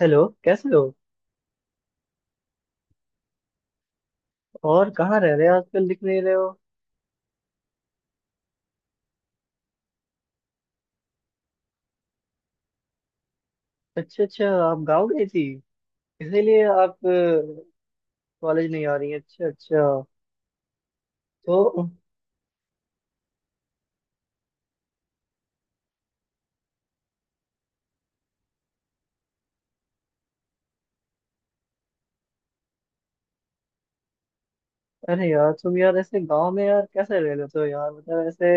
Hello, कैसे हो? और कहाँ रह रहे हो, आजकल दिख नहीं रहे हो? अच्छा अच्छा, आप गाँव गई थी। इसीलिए आप कॉलेज नहीं आ रही हैं। अच्छा अच्छा। तो अरे यार, तुम यार ऐसे गांव में यार कैसे रह लेते हो यार? मतलब ऐसे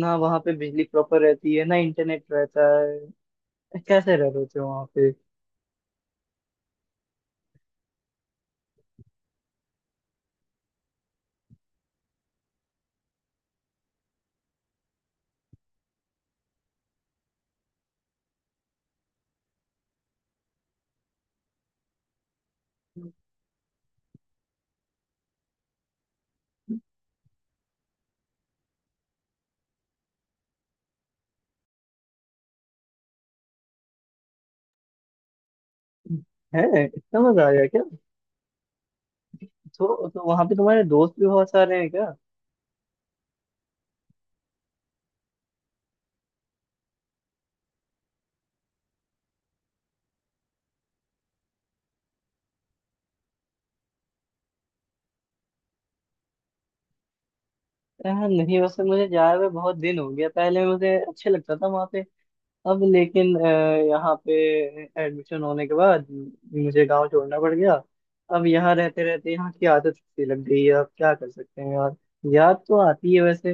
ना वहाँ पे बिजली प्रॉपर रहती है, ना इंटरनेट रहता है। कैसे रह लेते हो वहाँ पे? है? इतना मजा आ गया क्या? तो वहाँ पे तुम्हारे दोस्त भी बहुत सारे हैं क्या? नहीं, वैसे मुझे जाए हुए बहुत दिन हो गया। पहले मुझे अच्छे लगता था वहाँ पे। अब लेकिन यहाँ पे एडमिशन होने के बाद मुझे गांव छोड़ना पड़ गया। अब यहाँ रहते रहते यहाँ की आदत सी लग गई है। अब क्या कर सकते हैं यार? याद तो आती है वैसे।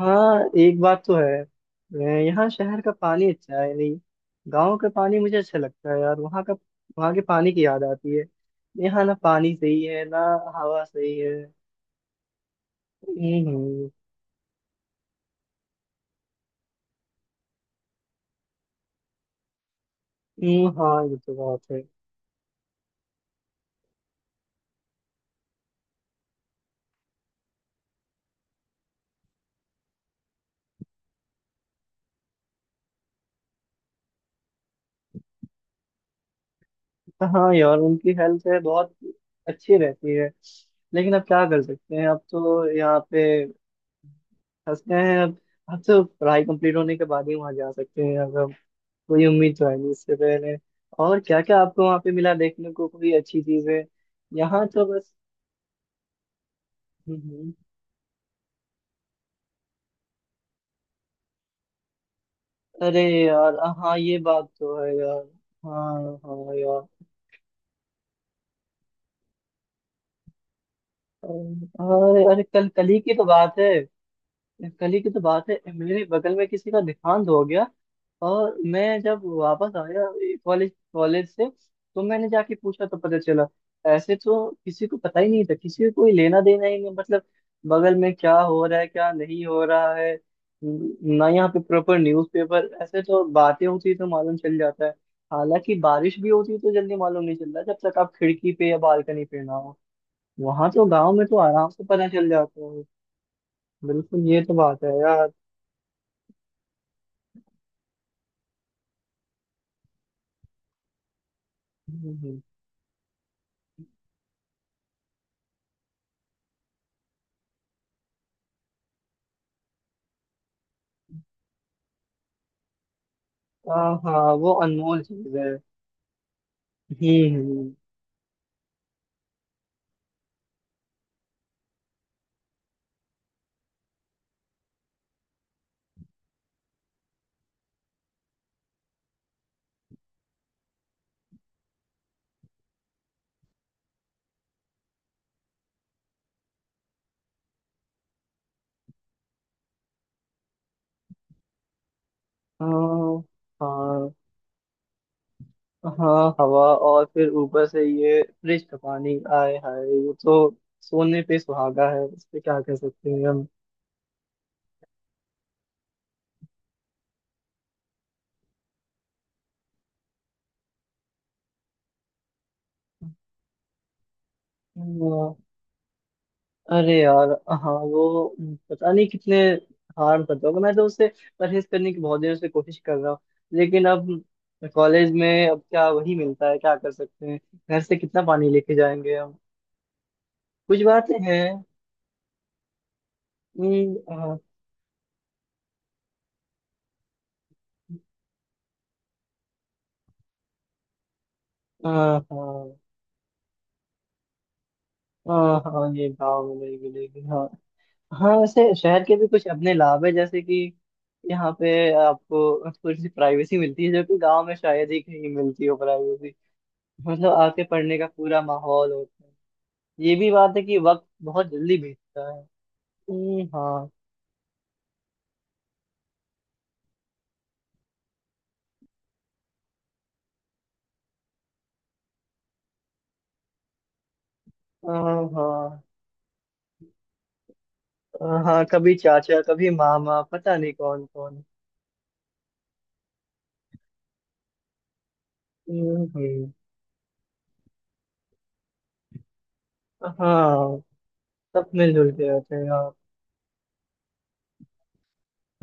हाँ, एक बात तो है। यहाँ शहर का पानी अच्छा है नहीं। गांव का पानी मुझे अच्छा लगता है यार वहाँ का। वहाँ के पानी की याद आती है। यहाँ ना पानी सही है, ना हवा सही है। हम्म। हम्म। हाँ ये तो बात है। हाँ यार, उनकी हेल्थ है बहुत अच्छी रहती है। लेकिन अब क्या कर सकते हैं, अब तो यहाँ पे फंस गए हैं अब। अब तो पढ़ाई कंप्लीट होने के बाद ही वहाँ जा सकते हैं, अगर कोई उम्मीद तो है नहीं इससे पहले। और क्या क्या आपको वहाँ पे मिला देखने को? कोई अच्छी चीज है? यहाँ तो बस। हम्म, हम्म। अरे यार। हाँ ये बात तो है यार। हाँ हाँ यार। अरे अरे, कल कल ही की तो बात है। कल ही की तो बात है, मेरे बगल में किसी का देहांत हो गया। और मैं जब वापस आया कॉलेज कॉलेज से तो मैंने जाके पूछा तो पता चला। ऐसे तो किसी को पता ही नहीं था, किसी को कोई लेना देना ही नहीं। मतलब बगल में क्या हो रहा है, क्या नहीं हो रहा है। ना यहाँ पे प्रॉपर न्यूज़पेपर ऐसे तो बातें होती तो मालूम चल जाता है। हालांकि बारिश भी होती तो जल्दी मालूम नहीं चलता जब तक आप खिड़की पे या बालकनी पे ना हो। वहां तो गांव में तो आराम से पता चल जाता है। बिल्कुल ये तो बात है यार। हम्म, हम्म। हाँ हाँ, वो अनमोल चीज है। हम्म। हाँ हाँ हाँ, हवा। और फिर ऊपर से ये फ्रिज का पानी आए, हाय ये तो सोने पे सुहागा है। इस पे क्या कह सकते हैं हम? हाँ, अरे यार। हाँ वो पता नहीं कितने हार्म करता होगा। मैं तो उससे परहेज करने की बहुत देर से कोशिश कर रहा हूँ, लेकिन अब कॉलेज में अब क्या वही मिलता है, क्या कर सकते हैं। घर से कितना पानी लेके जाएंगे हम? कुछ बातें हैं। हाँ। हाँ। हाँ। हाँ हाँ, ये गाँव में नहीं मिलेगी हाँ। हाँ वैसे शहर के भी कुछ अपने लाभ है, जैसे कि यहाँ पे आपको थोड़ी सी प्राइवेसी मिलती है जो कि गांव में शायद ही कहीं मिलती हो। प्राइवेसी मतलब आके पढ़ने का पूरा माहौल होता है। ये भी बात है कि वक्त बहुत जल्दी बीतता है। हाँ। हाँ हाँ। हाँ हाँ, कभी चाचा कभी मामा पता नहीं कौन कौन। हम्म हम्म, हाँ। सब मिलजुल के रहते हैं आप।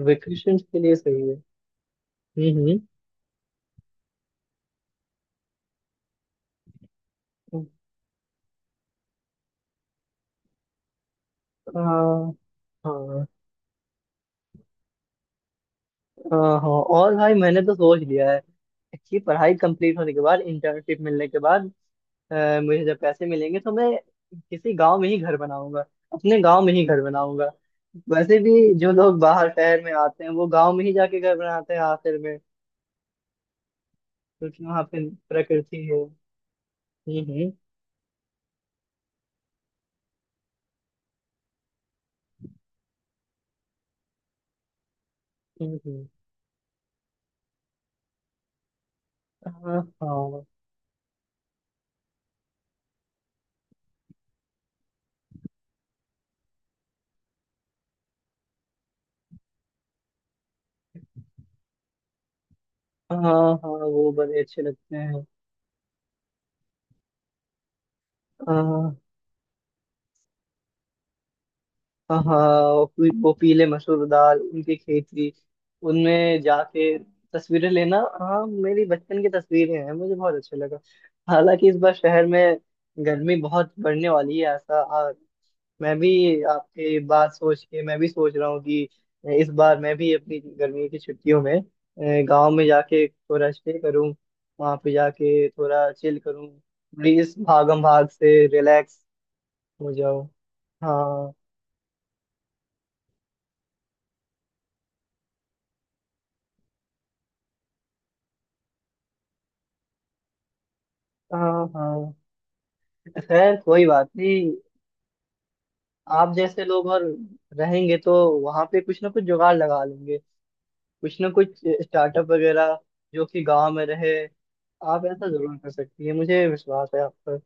वेकेशन के लिए सही है। हम्म। हम्म। हाँ हाँ। हाँ, हाँ, और भाई मैंने तो सोच लिया है कि पढ़ाई कंप्लीट होने के बाद, इंटर्नशिप मिलने के बाद, मुझे जब पैसे मिलेंगे तो मैं किसी गांव में ही घर बनाऊंगा। अपने गांव में ही घर बनाऊंगा। वैसे भी जो लोग बाहर शहर में आते हैं वो गांव में ही जाके घर बनाते हैं आखिर में। क्योंकि वहां पे प्रकृति है। हम्म हम्म हम्म, हम्म। हाँ हाँ। हाँ हाँ, वो बड़े अच्छे लगते हैं। हाँ, हाँ, वो पीले मसूर दाल उनकी खेती, उनमें जाके तस्वीरें लेना, हाँ मेरी बचपन की तस्वीरें हैं, मुझे बहुत अच्छा लगा। हालांकि इस बार शहर में गर्मी बहुत बढ़ने वाली है ऐसा, और मैं भी आपके बात सोच के मैं भी सोच रहा हूँ कि इस बार मैं भी अपनी गर्मी की छुट्टियों में गांव में जाके थोड़ा स्टे करूँ। वहाँ पे जाके थोड़ा चिल करूँ। प्लीज भागम भाग से रिलैक्स हो जाओ। हाँ हाँ हाँ। खैर कोई बात नहीं। आप जैसे लोग और रहेंगे तो वहां पे कुछ ना कुछ जुगाड़ लगा लेंगे, कुछ ना कुछ स्टार्टअप वगैरह जो कि गांव में रहे। आप ऐसा जरूर कर सकती है, मुझे विश्वास है आप पर।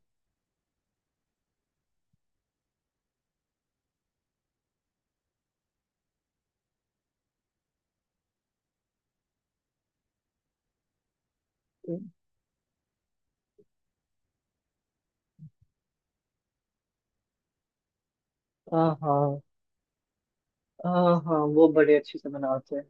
हाँ हाँ। हाँ हाँ, वो बड़े अच्छे से मनाते हैं।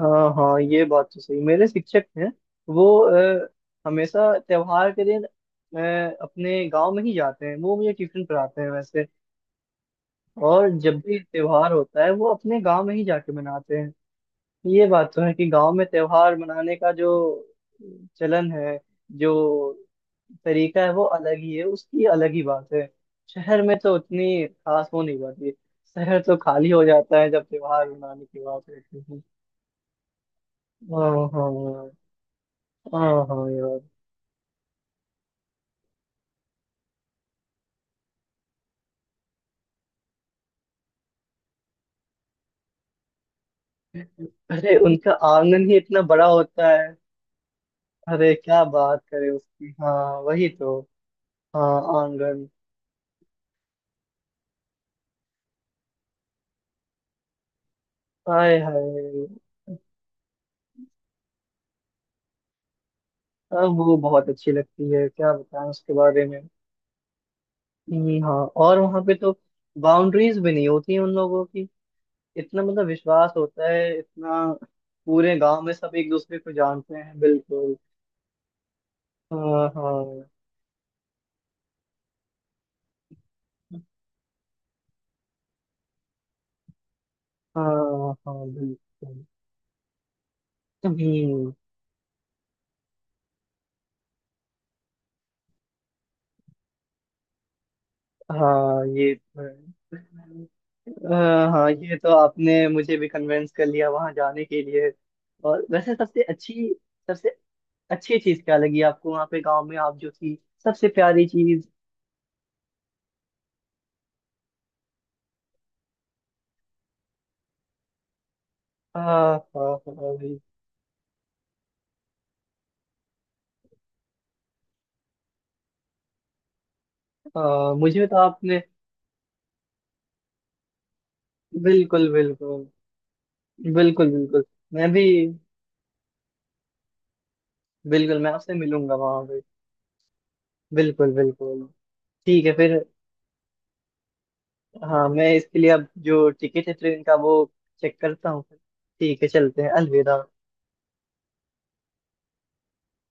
हाँ हाँ, ये बात तो सही। मेरे शिक्षक हैं वो, हमेशा त्योहार के दिन अपने गांव में ही जाते हैं। वो मुझे ट्यूशन पढ़ाते हैं वैसे। और जब भी त्योहार होता है वो अपने गांव में ही जाके मनाते हैं। ये बात तो है कि गांव में त्योहार मनाने का जो चलन है, जो तरीका है, वो अलग ही है। उसकी अलग ही बात है। शहर में तो उतनी खास वो नहीं पाती। शहर तो खाली हो जाता है जब त्योहार मनाने की बात रहती है। हाँ हाँ। हाँ हाँ यार। अरे उनका आंगन ही इतना बड़ा होता है। अरे क्या बात करे उसकी, हाँ वही तो। हाँ आंगन। हाय हाय, अब वो बहुत अच्छी लगती है, क्या बताएं उसके बारे में। ये, हाँ और वहां पे तो बाउंड्रीज भी नहीं होती उन लोगों की। इतना मतलब विश्वास होता है इतना, पूरे गांव में सब एक दूसरे को जानते हैं बिल्कुल। हाँ हाँ। हाँ हाँ बिल्कुल। हम्म, हाँ ये तो है। हाँ हाँ, ये तो आपने मुझे भी कन्विंस कर लिया वहां जाने के लिए। और वैसे सबसे अच्छी चीज क्या लगी आपको वहाँ पे गांव में आप जो थी, सबसे प्यारी चीज? हाँ हाँ हाँ। मुझे तो आपने। बिल्कुल बिल्कुल बिल्कुल बिल्कुल, मैं भी। बिल्कुल, मैं आपसे मिलूंगा वहां पे। बिल्कुल बिल्कुल। ठीक है फिर। हाँ, मैं इसके लिए अब जो टिकट है ट्रेन का वो चेक करता हूँ फिर। ठीक है, चलते हैं। अलविदा।